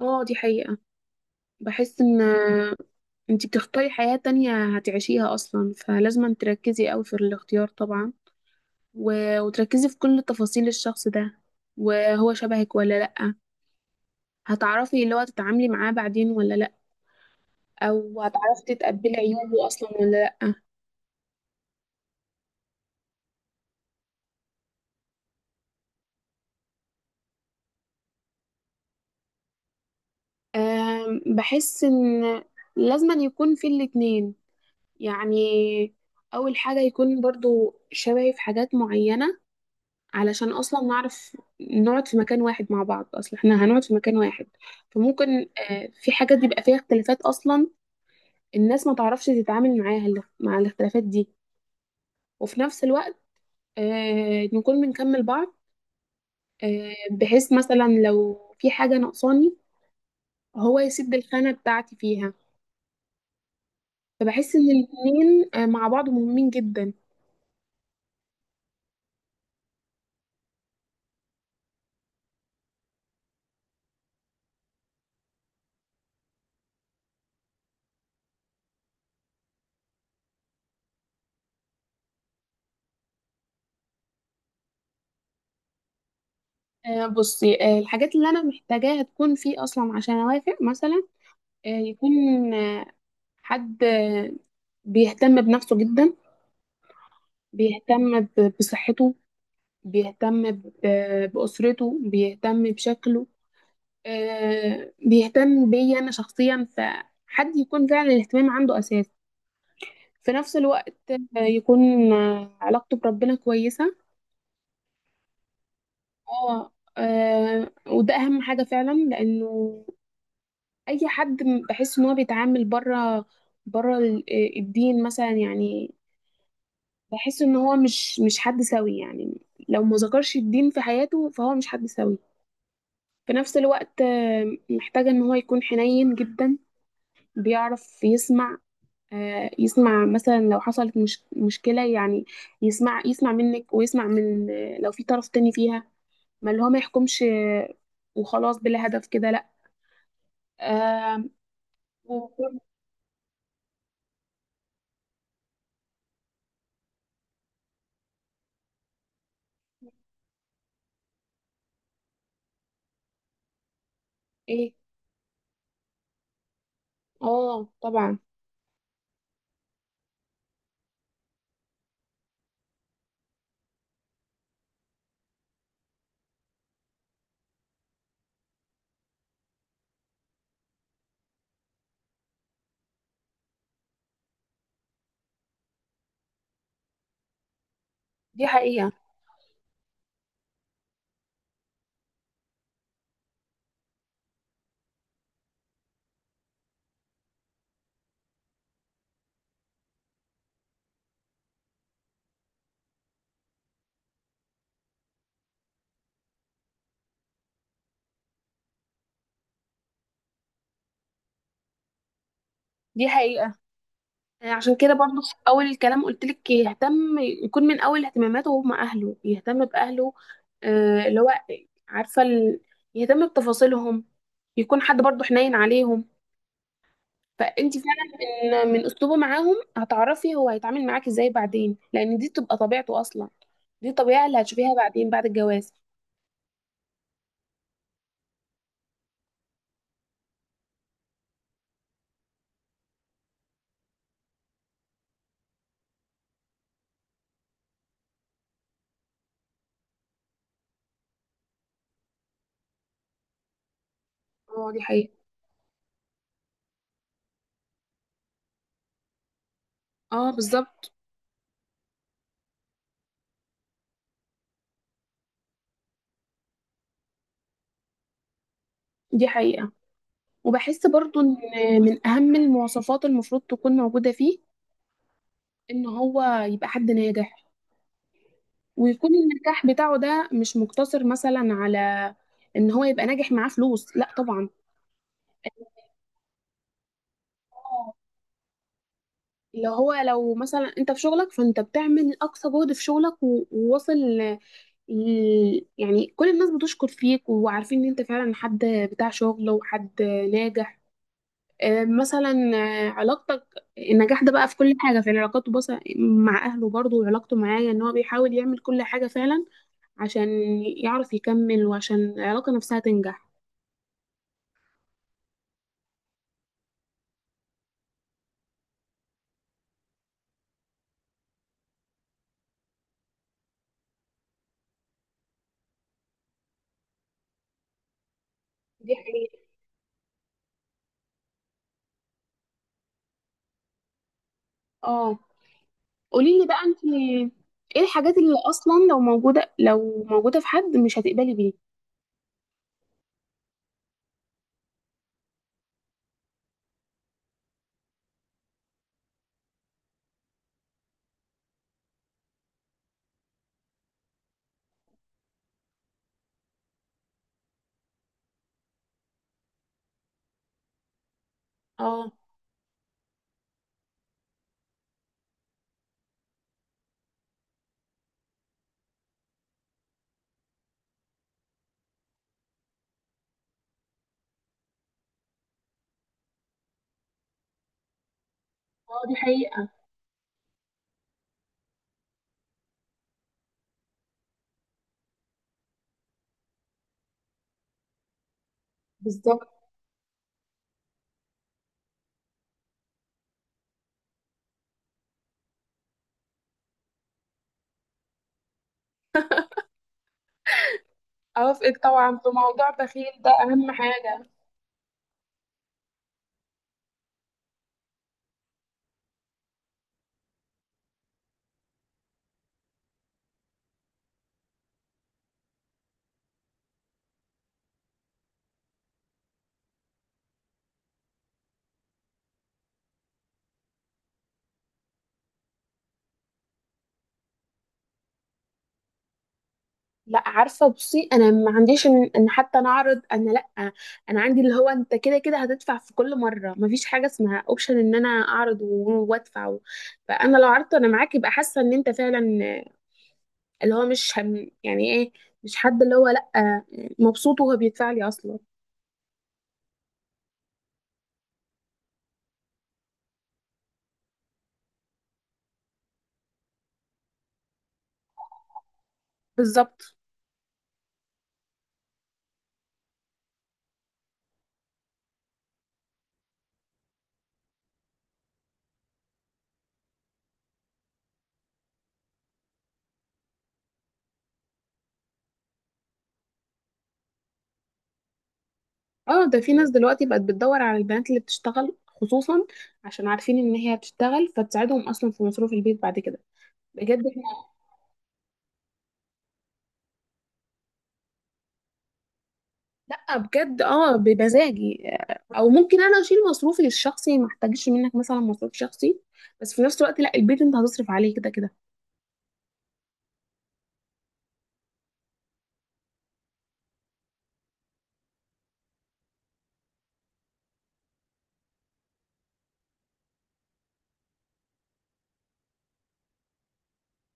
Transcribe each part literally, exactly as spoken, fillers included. اه، دي حقيقة. بحس ان انتي بتختاري حياة تانية هتعيشيها اصلا فلازم تركزي قوي في الاختيار طبعا، و... وتركزي في كل تفاصيل الشخص ده. وهو شبهك ولا لأ؟ هتعرفي اللي هو تتعاملي معاه بعدين ولا لأ؟ او هتعرفي تتقبلي عيوبه اصلا ولا لأ؟ أم بحس ان لازم يكون في الاتنين. يعني اول حاجة يكون برضو شبهي في حاجات معينة علشان اصلا نعرف نقعد في مكان واحد مع بعض، اصلا احنا هنقعد في مكان واحد. فممكن آه، في حاجات بيبقى فيها اختلافات، اصلا الناس ما تعرفش تتعامل معاها ال- مع الاختلافات دي. وفي نفس الوقت آه، نكون بنكمل بعض. آه، بحيث مثلا لو في حاجة ناقصاني هو يسد الخانة بتاعتي فيها. فبحس ان الاتنين آه، مع بعض مهمين جدا. آه، بصي، آه، الحاجات اللي انا محتاجاها تكون فيه اصلا عشان اوافق مثلا. آه، يكون آه، حد بيهتم بنفسه جدا، بيهتم ب- بصحته، بيهتم ب- بأسرته، بيهتم بشكله، آه، بيهتم بيا أنا شخصيا. فحد يكون فعلا الاهتمام عنده أساس. في نفس الوقت آه، يكون آه، علاقته بربنا كويسة. اه. آه، وده أهم حاجة فعلا، لأنه أي حد بحس إن هو بيتعامل بره، بره ال- الدين مثلا، يعني بحس ان هو مش مش حد سوي. يعني لو ما ذكرش الدين في حياته فهو مش حد سوي. في نفس الوقت آه، محتاجة ان هو يكون حنين جدا، بيعرف يسمع. آه، يسمع مثلا لو حصلت مش مشكلة، يعني يسمع يسمع منك، ويسمع من، آه، لو في طرف تاني فيها، ما اللي هو ما يحكمش آه، وخلاص بلا هدف كده، لا. آه، ويكون ايه. اه طبعا. دي حقيقة. دي حقيقة. آه، عشان كده برضو في اول الكلام قلت لك يهتم، يكون من اول اهتماماته هم اهله، يهتم باهله. آه، اللي هو عارفه ال... يهتم بتفاصيلهم، يكون حد برضو حنين عليهم. فانت فعلا من من اسلوبه معاهم هتعرفي هو هيتعامل معاك ازاي بعدين، لان دي بتبقى طبيعته اصلا. دي الطبيعه اللي هتشوفيها بعدين بعد الجواز. اه دي حقيقه. اه بالظبط. دي حقيقه. وبحس برضو ان من اهم المواصفات المفروض تكون موجوده فيه ان هو يبقى حد ناجح. ويكون النجاح بتاعه ده مش مقتصر مثلا على ان هو يبقى ناجح معاه فلوس، لا طبعا. اللي هو لو مثلا انت في شغلك فانت بتعمل اقصى جهد في شغلك و- وواصل ل- ل- يعني كل الناس بتشكر فيك وعارفين ان انت فعلا حد بتاع شغل وحد ناجح. آه، مثلا آه، علاقتك، النجاح ده بقى في كل حاجة، في علاقاته بس مع أهله برضه، وعلاقته معايا، إن هو بيحاول يعمل كل حاجة فعلا عشان يعرف يكمل وعشان العلاقة نفسها تنجح. دي حقيقة. اه، قولي لي بقى انت، ايه الحاجات اللي اصلا لو موجودة لو موجودة في حد مش هتقبلي بيه. اه. اه دي حقيقة. بالظبط. اوافقك طبعا في موضوع بخيل ده، اهم حاجة. لا عارفة، بصي انا ما عنديش ان, إن حتى نعرض، انا لا. انا عندي اللي هو انت كده كده هتدفع في كل مرة، ما فيش حاجة اسمها اوبشن ان انا اعرض و- وادفع. فانا لو عرضت انا معاك يبقى حاسة ان انت فعلا اللي هو مش هم، يعني ايه، مش حد اللي هو لأ مبسوط وهو بيدفع لي اصلا. بالظبط اه. ده في ناس دلوقتي بقت بتدور على البنات اللي بتشتغل خصوصا، عشان عارفين ان هي بتشتغل فتساعدهم اصلا في مصروف البيت بعد كده. بجد احنا. لا بجد، اه بمزاجي. آه، او ممكن انا اشيل مصروفي الشخصي، ما احتاجش منك مثلا مصروف شخصي، بس في نفس الوقت لا، البيت انت هتصرف عليه كده كده.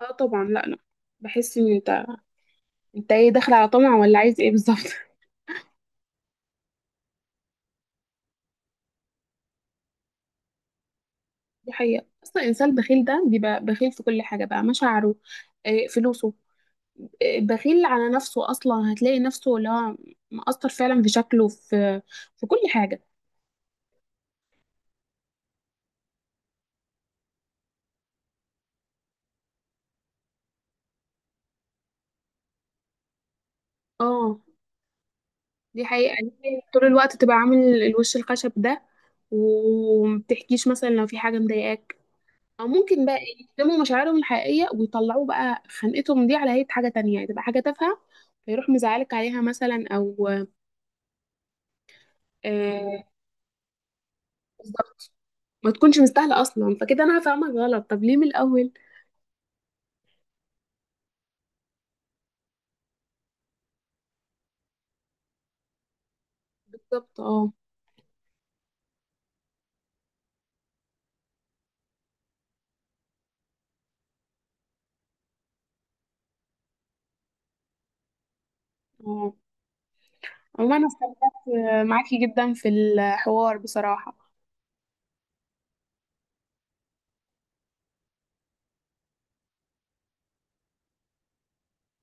اه طبعا، لا لا. بحس ان انت انت ايه، داخل على طمع ولا عايز ايه بالظبط؟ دي حقيقة، أصلا الإنسان البخيل ده بيبقى بخيل في كل حاجة بقى، مشاعره، آه، فلوسه، آه، بخيل على نفسه أصلا. هتلاقي نفسه اللي هو مأثر فعلا في شكله، في في كل حاجة. اه دي حقيقة. ليه طول الوقت تبقى عامل الوش الخشب ده، ومبتحكيش مثلا لو في حاجة مضايقاك؟ أو ممكن بقى إيه، يكتموا مشاعرهم الحقيقية ويطلعوا بقى خنقتهم دي على هيئة حاجة تانية، يعني تبقى حاجة تافهة فيروح مزعلك عليها مثلا. أو آه. بالظبط. ما تكونش مستاهله اصلا، فكده انا هفهمك غلط، طب ليه من الاول؟ بالظبط اه. اه، عموما انا استمتعت معاكي جدا في الحوار بصراحه.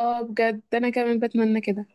اه بجد انا كمان بتمنى كده.